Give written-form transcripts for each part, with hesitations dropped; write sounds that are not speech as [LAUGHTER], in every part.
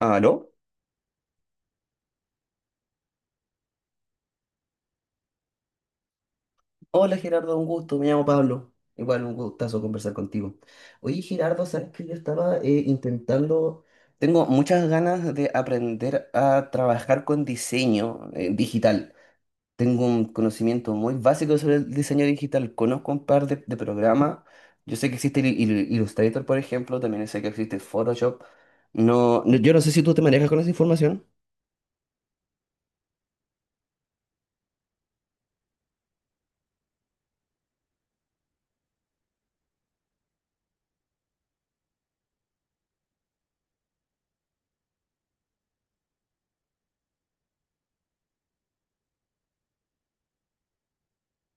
¿Aló? Hola Gerardo, un gusto, me llamo Pablo. Igual un gustazo conversar contigo. Oye Gerardo, sabes que yo estaba intentando, tengo muchas ganas de aprender a trabajar con diseño digital. Tengo un conocimiento muy básico sobre el diseño digital, conozco un par de programas. Yo sé que existe Illustrator, por ejemplo, también sé que existe Photoshop. No, yo no sé si tú te manejas con esa información.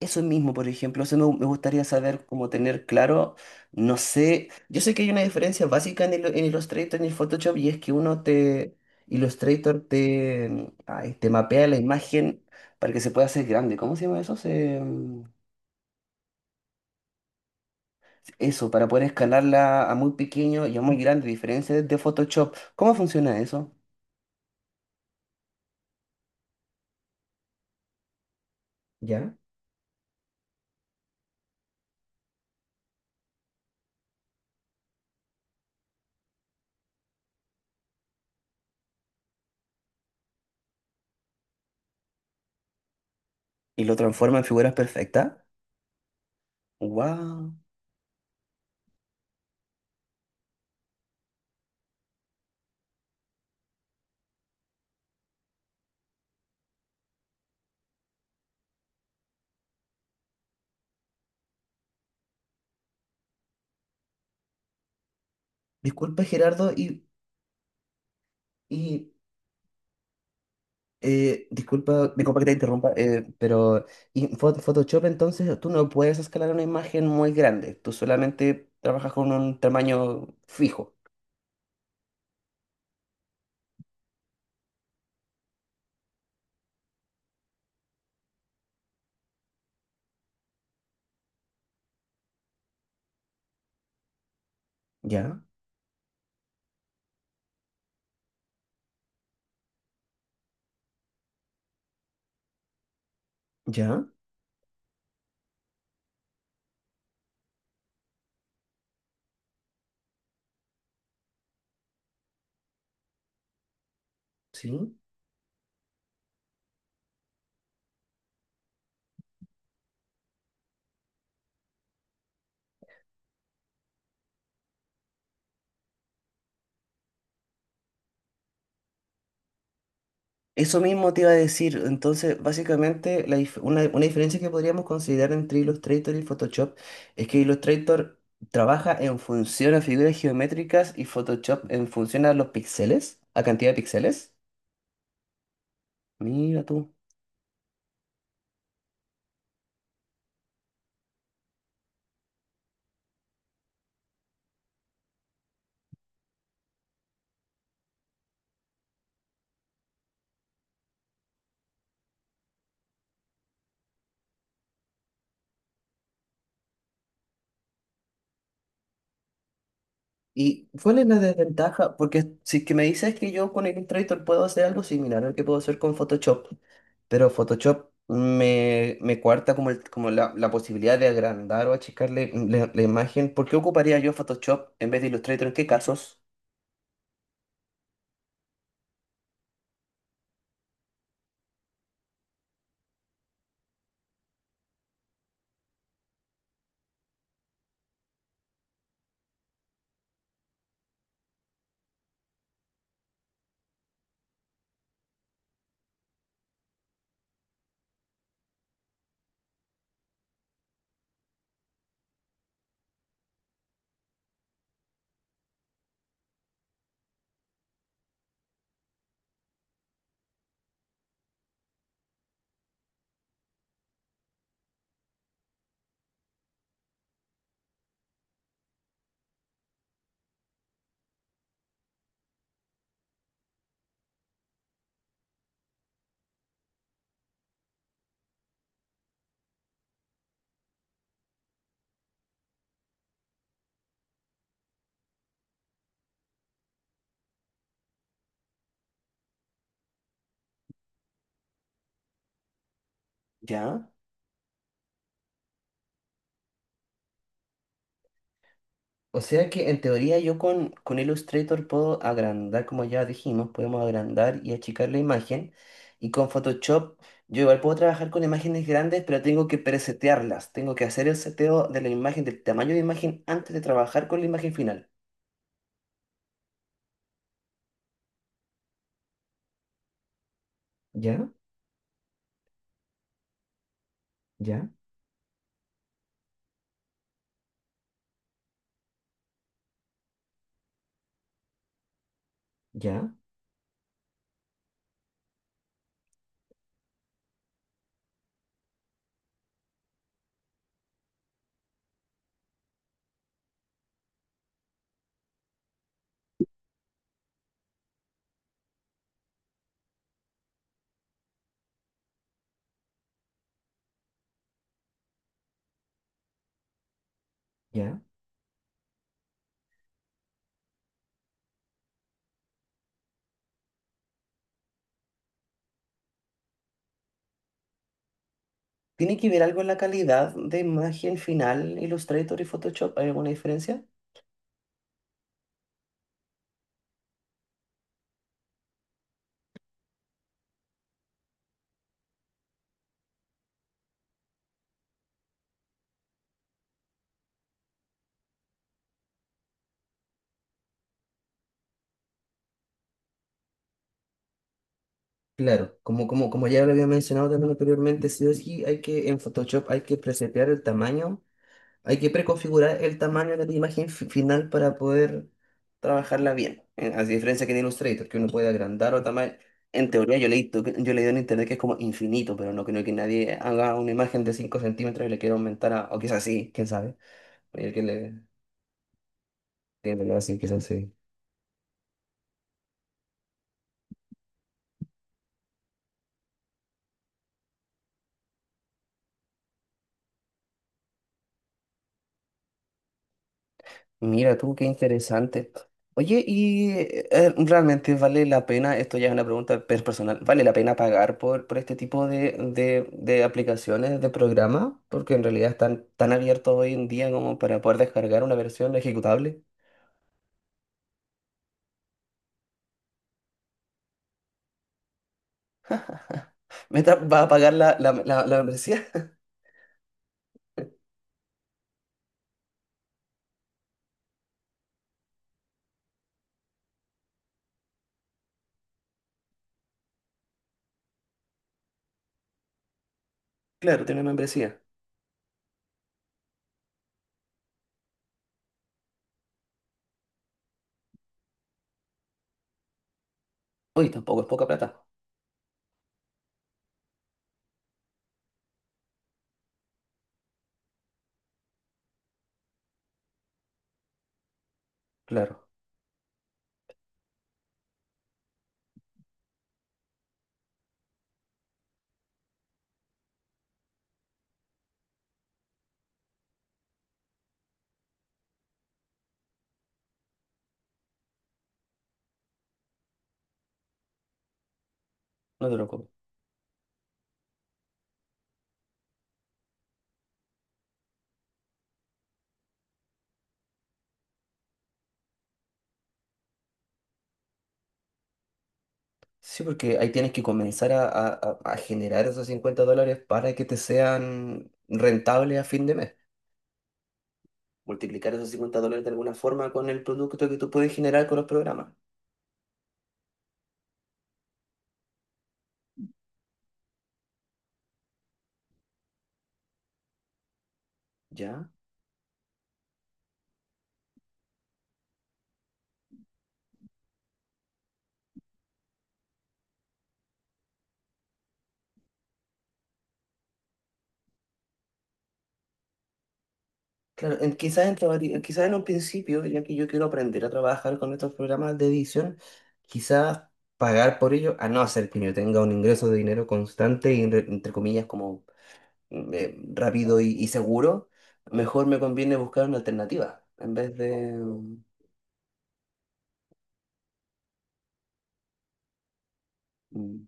Eso mismo, por ejemplo, eso me gustaría saber, como tener claro, no sé, yo sé que hay una diferencia básica en, en Illustrator y en el Photoshop, y es que uno te, Illustrator te, te mapea la imagen para que se pueda hacer grande. ¿Cómo se llama eso? Eso, para poder escalarla a muy pequeño y a muy grande, diferencia de Photoshop. ¿Cómo funciona eso? ¿Ya? ¿Y lo transforma en figuras perfectas? ¡Wow! Disculpa, Gerardo, y disculpa, que te interrumpa, pero en Photoshop entonces tú no puedes escalar una imagen muy grande, tú solamente trabajas con un tamaño fijo. ¿Ya? ¿Ya? ¿Sí? Eso mismo te iba a decir, entonces básicamente una diferencia que podríamos considerar entre Illustrator y Photoshop es que Illustrator trabaja en función a figuras geométricas y Photoshop en función a los píxeles, a cantidad de píxeles. Mira tú. ¿Y cuál es la desventaja? Porque si es que me dices que yo con Illustrator puedo hacer algo similar al que puedo hacer con Photoshop, pero Photoshop me cuarta como, como la posibilidad de agrandar o achicarle la imagen. ¿Por qué ocuparía yo Photoshop en vez de Illustrator? ¿En qué casos? ¿Ya? O sea que en teoría yo con Illustrator puedo agrandar, como ya dijimos, podemos agrandar y achicar la imagen. Y con Photoshop yo igual puedo trabajar con imágenes grandes, pero tengo que presetearlas. Tengo que hacer el seteo de la imagen, del tamaño de imagen, antes de trabajar con la imagen final. Ya, ya, ya, ya. ¿Tiene que ver algo en la calidad de imagen final Illustrator y Photoshop? ¿Hay alguna diferencia? Claro, como ya lo había mencionado también anteriormente, sí o sí hay que, en Photoshop hay que presetear el tamaño. Hay que preconfigurar el tamaño de la imagen final para poder trabajarla bien. A diferencia que en Illustrator, que uno puede agrandar o tamaño. En teoría, yo leí, en internet que es como infinito, pero no creo que nadie haga una imagen de 5 centímetros y le quiera aumentar a. O quizás sí, quién sabe. Hay que le tiene que así, quizás sí. Mira tú, qué interesante. Oye, y realmente vale la pena, esto ya es una pregunta personal, ¿vale la pena pagar por este tipo de aplicaciones, de programas? Porque en realidad están tan abiertos hoy en día como para poder descargar una versión ejecutable. ¿Meta va a pagar la membresía? [LAUGHS] Claro, tiene una membresía. Oye, tampoco es poca plata. Claro, no te preocupes. Sí, porque ahí tienes que comenzar a, a generar esos 50 dólares para que te sean rentables a fin de mes. Multiplicar esos 50 dólares de alguna forma con el producto que tú puedes generar con los programas. ¿Ya? Claro, quizás en un principio, ya que yo quiero aprender a trabajar con estos programas de edición, quizás pagar por ello, a no ser que yo tenga un ingreso de dinero constante y, entre comillas, como rápido y seguro, mejor me conviene buscar una alternativa en vez de... Mm,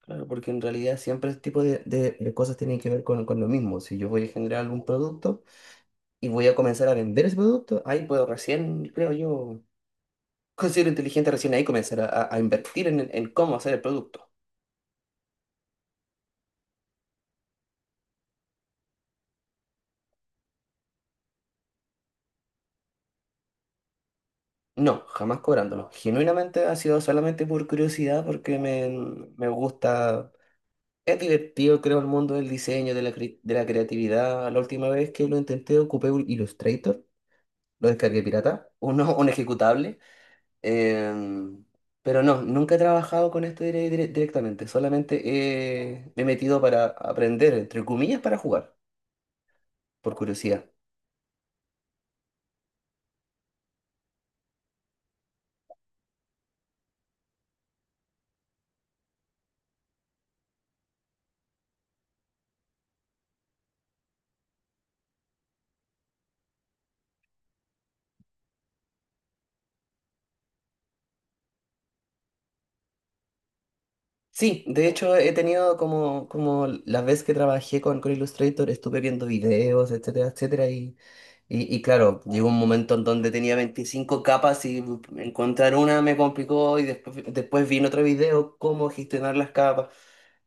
claro, porque en realidad siempre este tipo de cosas tienen que ver con lo mismo. Si yo voy a generar algún producto, y voy a comenzar a vender ese producto, ahí puedo recién, creo yo, considero inteligente recién ahí comenzar a, a invertir en cómo hacer el producto. No, jamás cobrándolo. Genuinamente ha sido solamente por curiosidad, porque me gusta, es divertido, creo, el mundo del diseño, de la, de la creatividad. La última vez que lo intenté ocupé un Illustrator, lo descargué pirata, uno, [LAUGHS] un ejecutable. Em, pero no, nunca he trabajado con esto directamente, solamente me he metido para aprender, entre comillas, para jugar, por curiosidad. Sí, de hecho he tenido como, como la vez que trabajé con Illustrator, estuve viendo videos, etcétera, etcétera, y claro, llegó un momento en donde tenía 25 capas y encontrar una me complicó y después, después vi en otro video cómo gestionar las capas.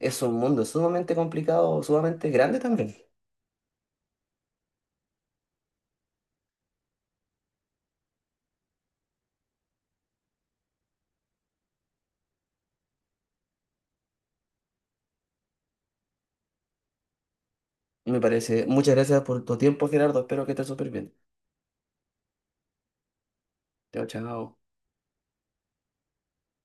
Es un mundo sumamente complicado, sumamente grande también. Me parece. Muchas gracias por tu tiempo, Gerardo. Espero que estés súper bien. Chao, chao.